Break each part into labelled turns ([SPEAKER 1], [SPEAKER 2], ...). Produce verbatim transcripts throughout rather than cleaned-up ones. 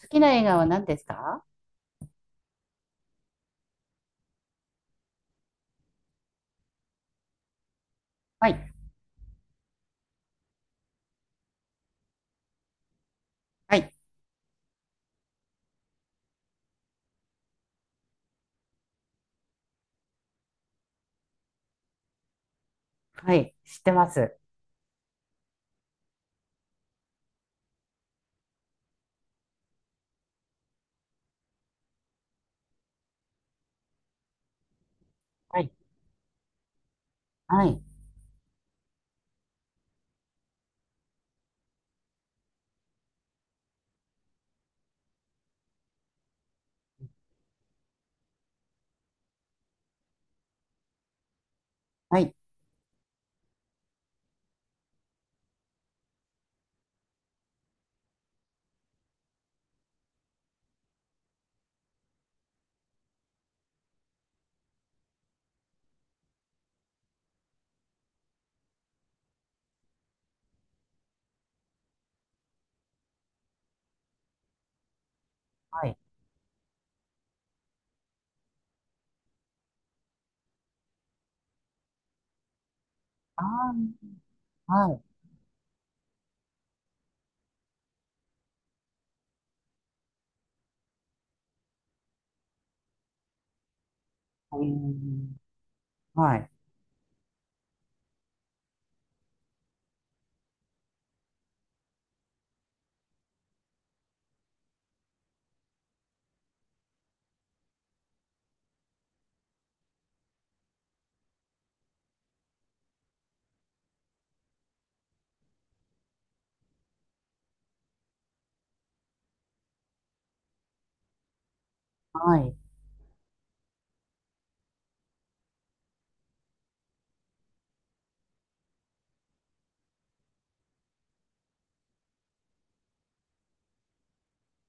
[SPEAKER 1] 好きな映画は何ですか？はい。はい。はい。知ってます。はい。はい。はい。はい。ああ、はい。うーん。はい。はい。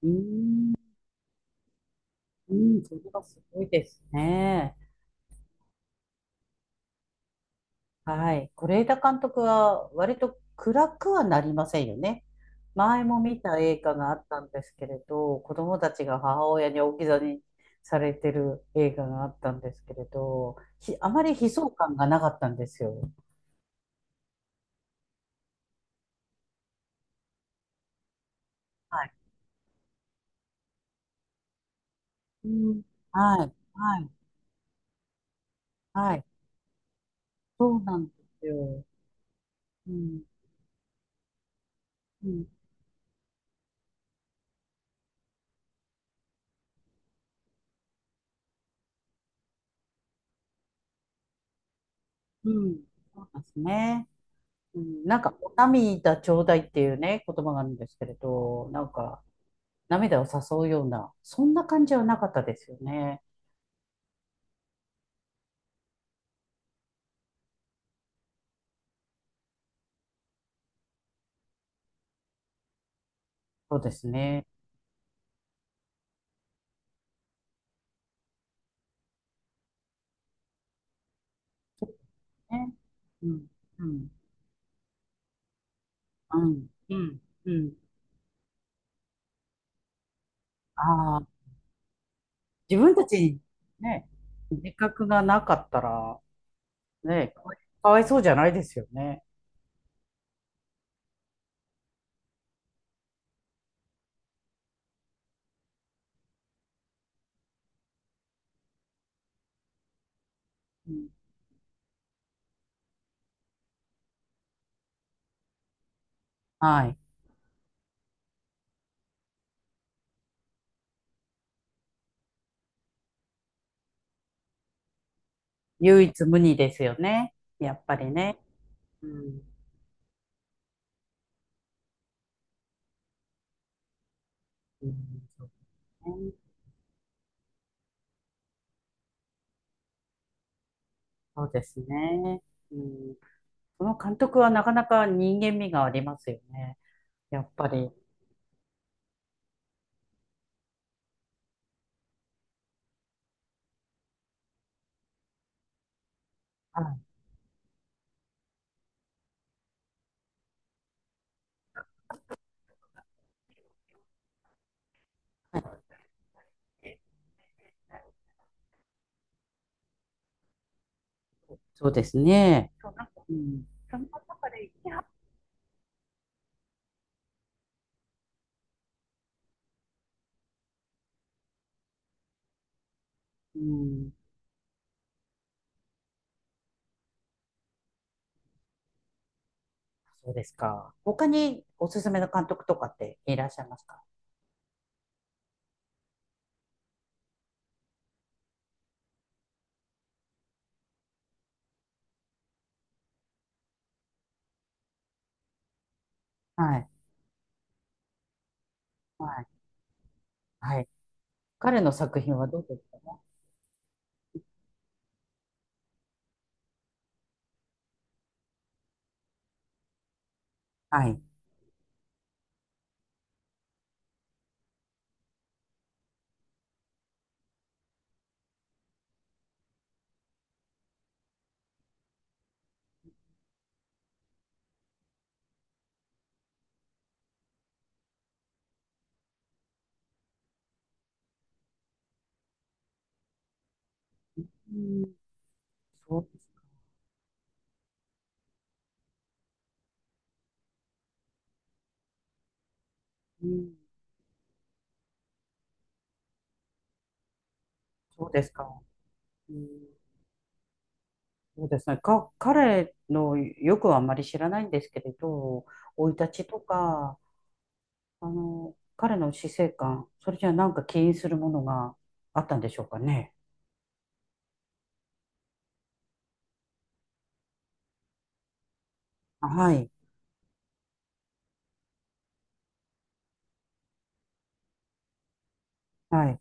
[SPEAKER 1] うーん。うん。それはすごいですね。はい。是枝監督は割と暗くはなりませんよね。前も見た映画があったんですけれど、子供たちが母親に置き去りにされてる映画があったんですけれど、ひあまり悲壮感がなかったんですよ。うん。はい。はい。はい。そうなんですよ。うん。うん。うん。そうですね。うん。なんか、お涙ちょうだいっていうね、言葉があるんですけれど、なんか、涙を誘うような、そんな感じはなかったですよね。そうですね。ね。うん。うん。うん。うん。うん。ああ、自分たちにね、自覚がなかったら、ね、かわい、かわいそうじゃないですよね。うん。はい。唯一無二ですよね。やっぱりね。うん。うん。そうね。そうですね。うん。その監督はなかなか人間味がありますよね。やっぱり。はい。そうですね。そう、なんか、うん。その中で、いや、うん。そうですか。他におすすめの監督とかっていらっしゃいますか？はい。はい。はい。彼の作品はどうですかね？はい。うん。そうですね。そうですか。うん。そうですね。か、彼のよくはあんまり知らないんですけれど、生い立ちとか、あの、彼の死生観、それじゃなんか起因するものがあったんでしょうかね。あ、はい、はい。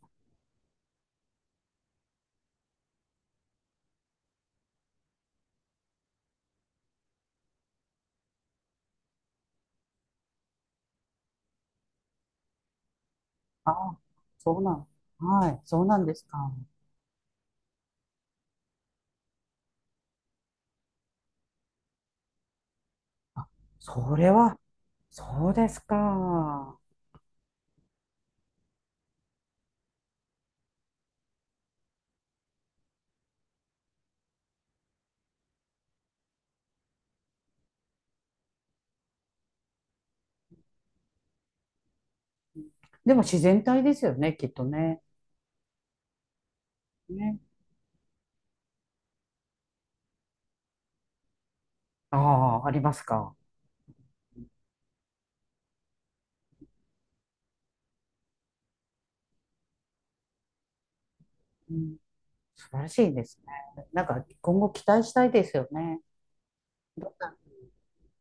[SPEAKER 1] あ、そうなん、はい、そうなんですか。それは、そうですか。でも自然体ですよね、きっとね。ね。ああ、ありますか。うん、素晴らしいですね。なんか今後期待したいですよね。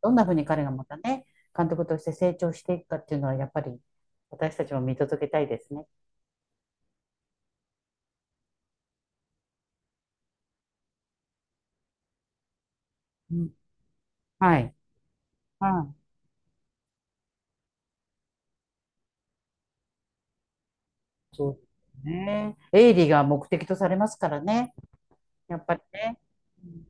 [SPEAKER 1] どんなふうに彼がまたね、監督として成長していくかっていうのは、やっぱり私たちも見届けたいですね。うん、はい。はい。そうですね。営利が目的とされますからね。やっぱりね。うん。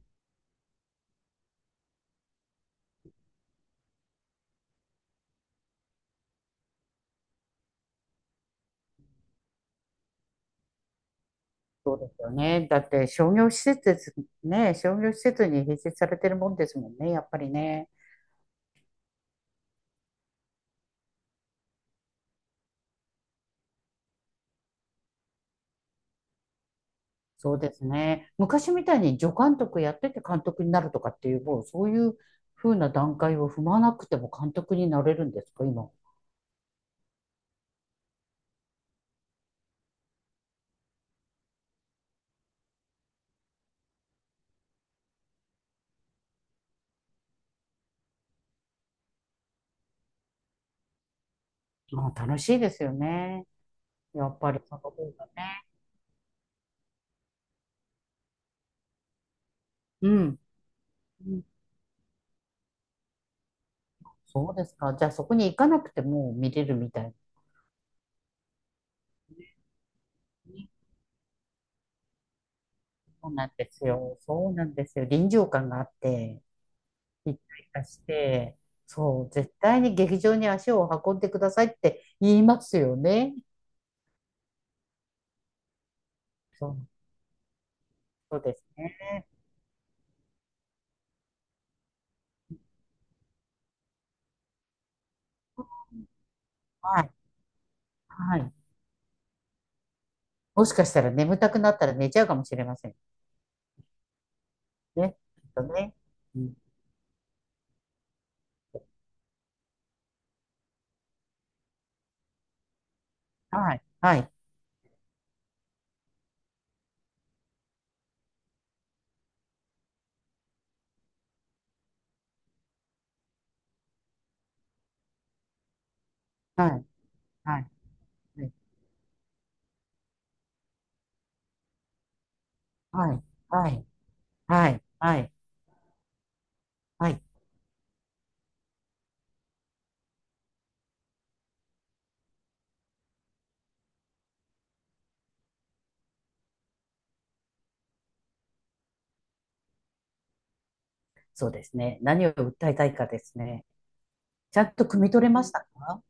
[SPEAKER 1] そうですよね。だって商業施設ですね。商業施設に併設されてるもんですもんね。やっぱりね。そうですね。昔みたいに助監督やってて監督になるとかっていう、もうそういう風な段階を踏まなくても監督になれるんですか、今。まあ、楽しいですよね。やっぱりその方がね。うん。うん。そうですか。じゃあそこに行かなくても見れるみたいな。そうなんですよ。そうなんですよ。臨場感があって、一体化して、そう、絶対に劇場に足を運んでくださいって言いますよね。そう、そうですね。はい。はい。もしかしたら眠たくなったら寝ちゃうかもしれませんね。きっとね。うん。はい。はい。はい。はい。はい。はい。はい。はい。はい。はい。はい。そうですね。何を訴えたいかですね。ちゃんと汲み取れましたか？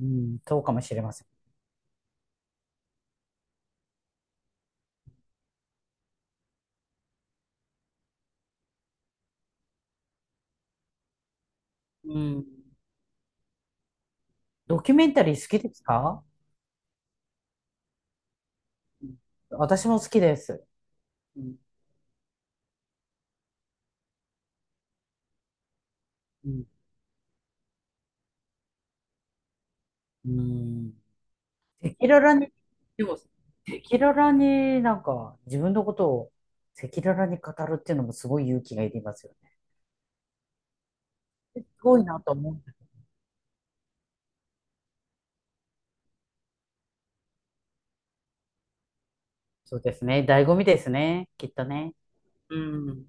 [SPEAKER 1] うん、そうかもしれません。うん。ドキュメンタリー好きですか？うん、私も好きです。うん。うん。うん。赤裸々に、でも、赤裸々になんか自分のことを赤裸々に語るっていうのもすごい勇気がいりますよね。すごいなと思う。そうですね。醍醐味ですね。きっとね。うん。